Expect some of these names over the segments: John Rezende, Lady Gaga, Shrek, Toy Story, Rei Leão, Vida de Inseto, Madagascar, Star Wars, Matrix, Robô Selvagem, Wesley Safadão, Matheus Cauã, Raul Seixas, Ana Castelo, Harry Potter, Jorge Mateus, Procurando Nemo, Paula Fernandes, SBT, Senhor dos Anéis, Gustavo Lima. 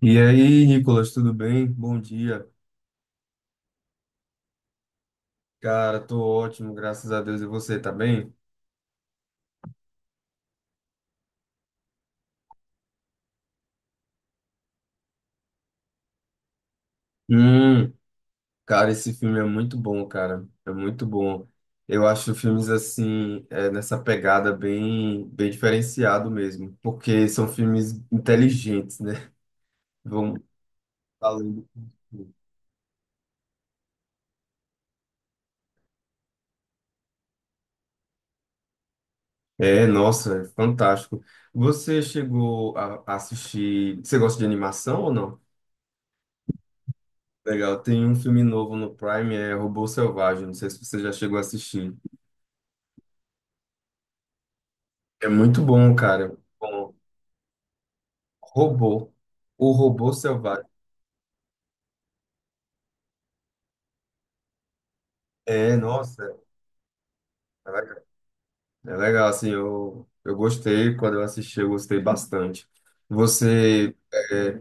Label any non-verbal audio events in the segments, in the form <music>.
E aí, Nicolas, tudo bem? Bom dia. Cara, tô ótimo, graças a Deus. E você, tá bem? Hum, cara, esse filme é muito bom, cara. É muito bom. Eu acho filmes assim, é, nessa pegada bem diferenciado mesmo, porque são filmes inteligentes, né? <laughs> Vão além do é, nossa, é fantástico. Você chegou a assistir? Você gosta de animação ou não? Legal, tem um filme novo no Prime, é Robô Selvagem. Não sei se você já chegou a assistir. É muito bom, cara. Bom, robô. O robô selvagem. É, nossa, é legal. É legal, assim, eu gostei quando eu assisti, eu gostei bastante. Você, é,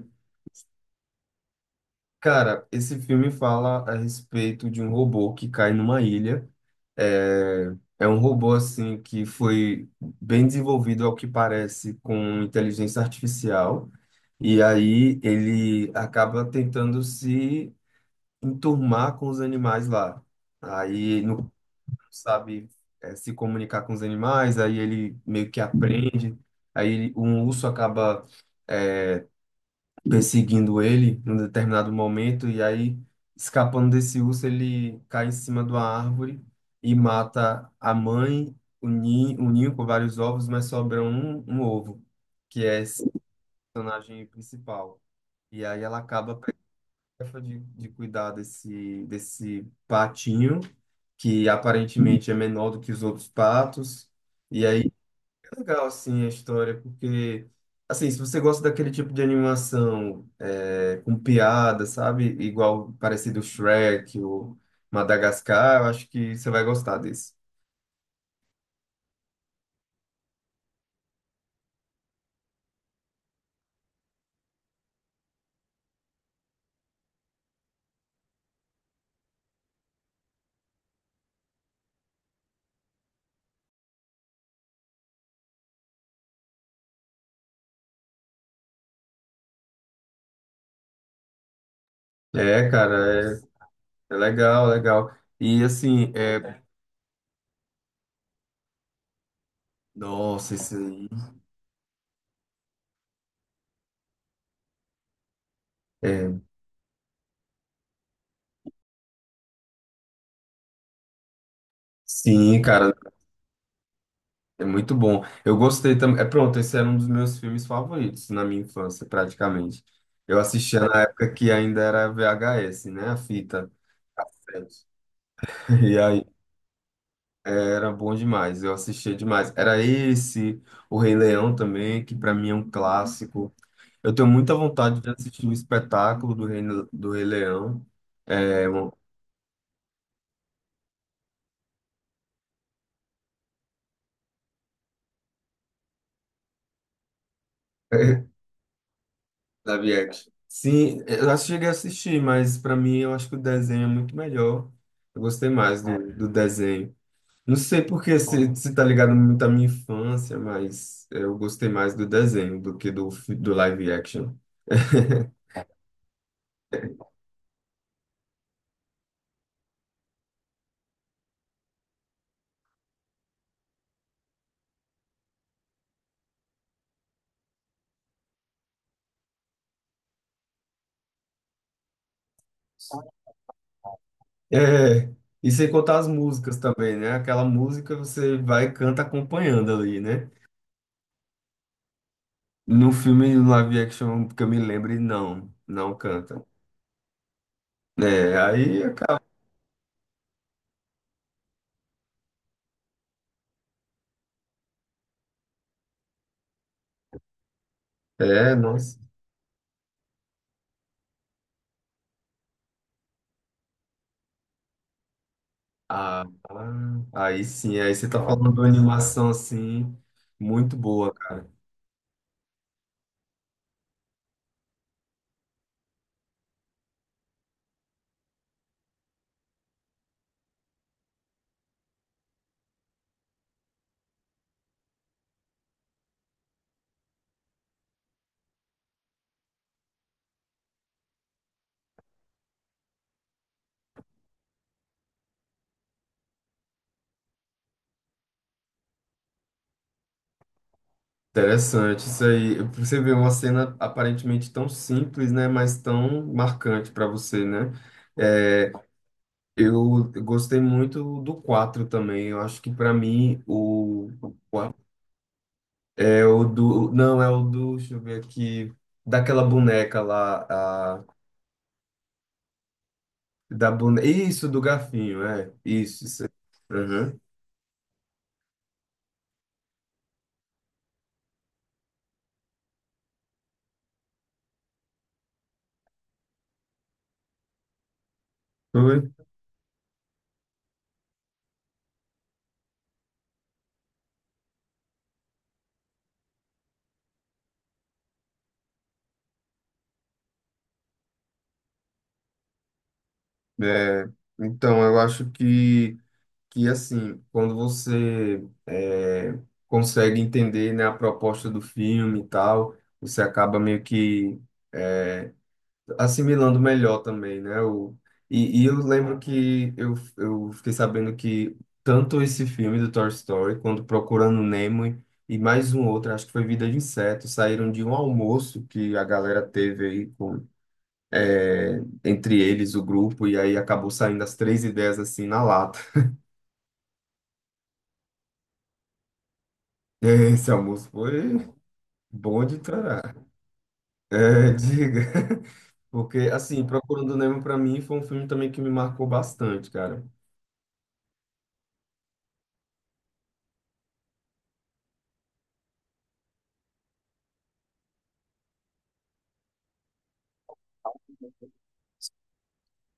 cara, esse filme fala a respeito de um robô que cai numa ilha. É, é um robô, assim, que foi bem desenvolvido, ao que parece, com inteligência artificial. E aí ele acaba tentando se enturmar com os animais lá. Aí não sabe se comunicar com os animais, aí ele meio que aprende. Aí um urso acaba eh, perseguindo ele num determinado momento, e aí, escapando desse urso, ele cai em cima de uma árvore e mata a mãe, o ninho com vários ovos, mas sobra um, um ovo, que é esse personagem principal. E aí ela acaba tarefa de cuidar desse, desse patinho, que aparentemente é menor do que os outros patos. E aí é legal, assim, a história, porque, assim, se você gosta daquele tipo de animação é, com piada, sabe? Igual parecido Shrek ou Madagascar, eu acho que você vai gostar desse. É, cara, é, é legal, legal. E, assim, é... Nossa, esse aí... É, sim, cara. É muito bom. Eu gostei também. É pronto, esse era um dos meus filmes favoritos na minha infância, praticamente. Eu assistia na época que ainda era VHS, né? A fita. <laughs> E aí era bom demais, eu assistia demais. Era esse, O Rei Leão também, que pra mim é um clássico. Eu tenho muita vontade de assistir o espetáculo do Rei Leão. É, um- <laughs> live action. Sim, eu acho que cheguei a assistir, mas pra mim eu acho que o desenho é muito melhor. Eu gostei mais do, do desenho. Não sei porque se tá ligado muito à minha infância, mas é, eu gostei mais do desenho do que do, fi- do live action. É, e sem contar as músicas também, né? Aquela música você vai e canta acompanhando ali, né? No filme, no live action, que eu me lembre, não, não canta. É, aí acaba. É, nossa. Ah, ah, aí sim, aí você tá falando de uma animação assim, muito boa, cara. Interessante isso aí. Você vê uma cena aparentemente tão simples, né, mas tão marcante para você, né? É, eu gostei muito do 4 também. Eu acho que para mim o quatro é o do, não, é o do, deixa eu ver aqui, daquela boneca lá, a, da boneca, isso do garfinho, é. Isso, isso. aí. Uhum. Oi. É, então eu acho que assim, quando você é, consegue entender, né, a proposta do filme e tal, você acaba meio que é, assimilando melhor também, né? O, e eu lembro que eu fiquei sabendo que tanto esse filme do Toy Story, quanto Procurando Nemo e mais um outro, acho que foi Vida de Inseto, saíram de um almoço que a galera teve aí com, é, entre eles, o grupo, e aí acabou saindo as três ideias assim na lata. <laughs> Esse almoço foi bom de torar. É, diga. <laughs> Porque, assim, Procurando Nemo, pra mim, foi um filme também que me marcou bastante, cara.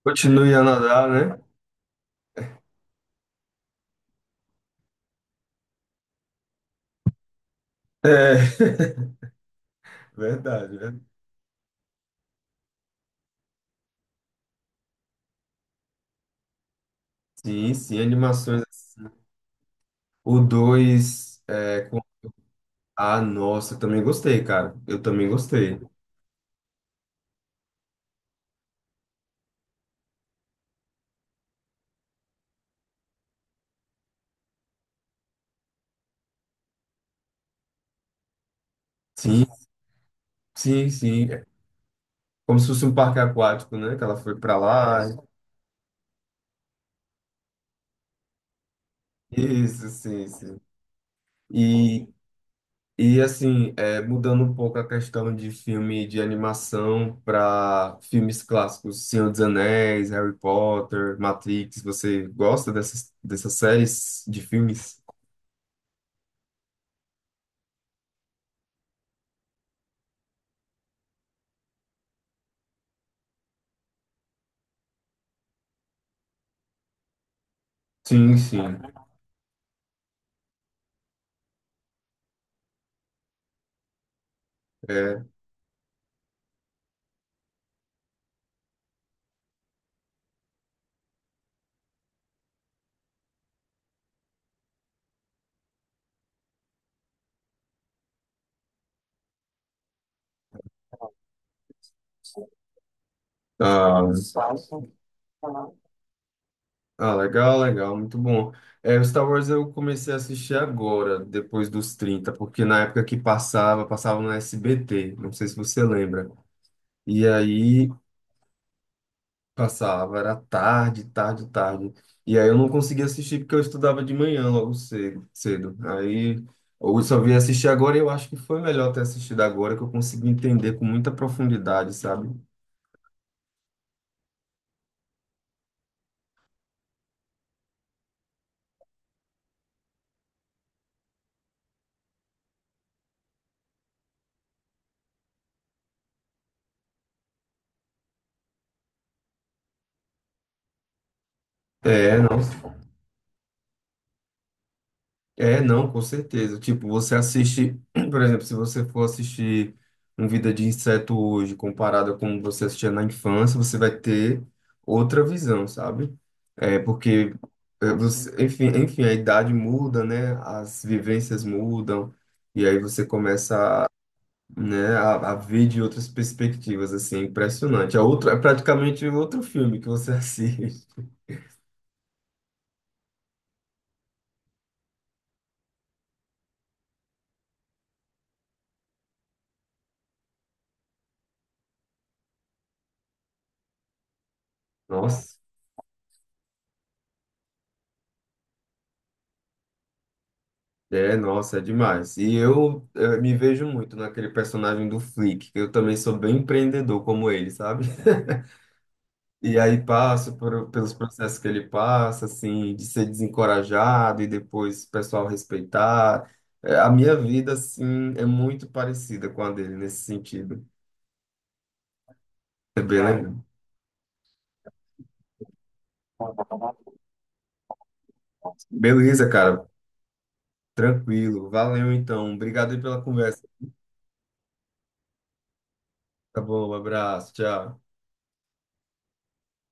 Continue a nadar, né? É, <laughs> verdade, né? Sim, sim, animações. Assim. O 2, é, com... Ah, nossa, eu também gostei, cara. Eu também gostei. Sim, sim, sim. É como se fosse um parque aquático, né? Que ela foi pra lá. Isso, sim, sim. E, e assim, é, mudando um pouco a questão de filme de animação para filmes clássicos, Senhor dos Anéis, Harry Potter, Matrix, você gosta dessas, dessas séries de filmes? Sim, sim. É. Ah, ah, legal, legal, muito bom. É, o Star Wars eu comecei a assistir agora, depois dos 30 porque na época que passava, passava no SBT, não sei se você lembra. E aí passava, era tarde, tarde, tarde. E aí eu não conseguia assistir porque eu estudava de manhã logo cedo, cedo. Aí eu só vim assistir agora e eu acho que foi melhor ter assistido agora que eu consegui entender com muita profundidade, sabe? É, não. É, não, com certeza. Tipo, você assiste, <clears throat> por exemplo, se você for assistir um Vida de Inseto hoje, comparado a como você assistia na infância, você vai ter outra visão, sabe? É, porque, é, você, enfim, enfim, a idade muda, né? As vivências mudam, e aí você começa, a, né, a ver de outras perspectivas, assim, é impressionante. É outro, é praticamente outro filme que você <laughs> assiste. Nossa. É, nossa, é demais. E eu, eh, me vejo muito naquele personagem do Flick, que eu também sou bem empreendedor como ele, sabe? E aí passo por- pelos processos que ele passa, assim, de ser desencorajado e depois o pessoal respeitar. Eh, a minha vida, assim, é muito parecida com a dele nesse sentido. É bem legal. Beleza, cara. Tranquilo. Valeu, então. Obrigado aí pela conversa. Tá bom, um abraço. Tchau.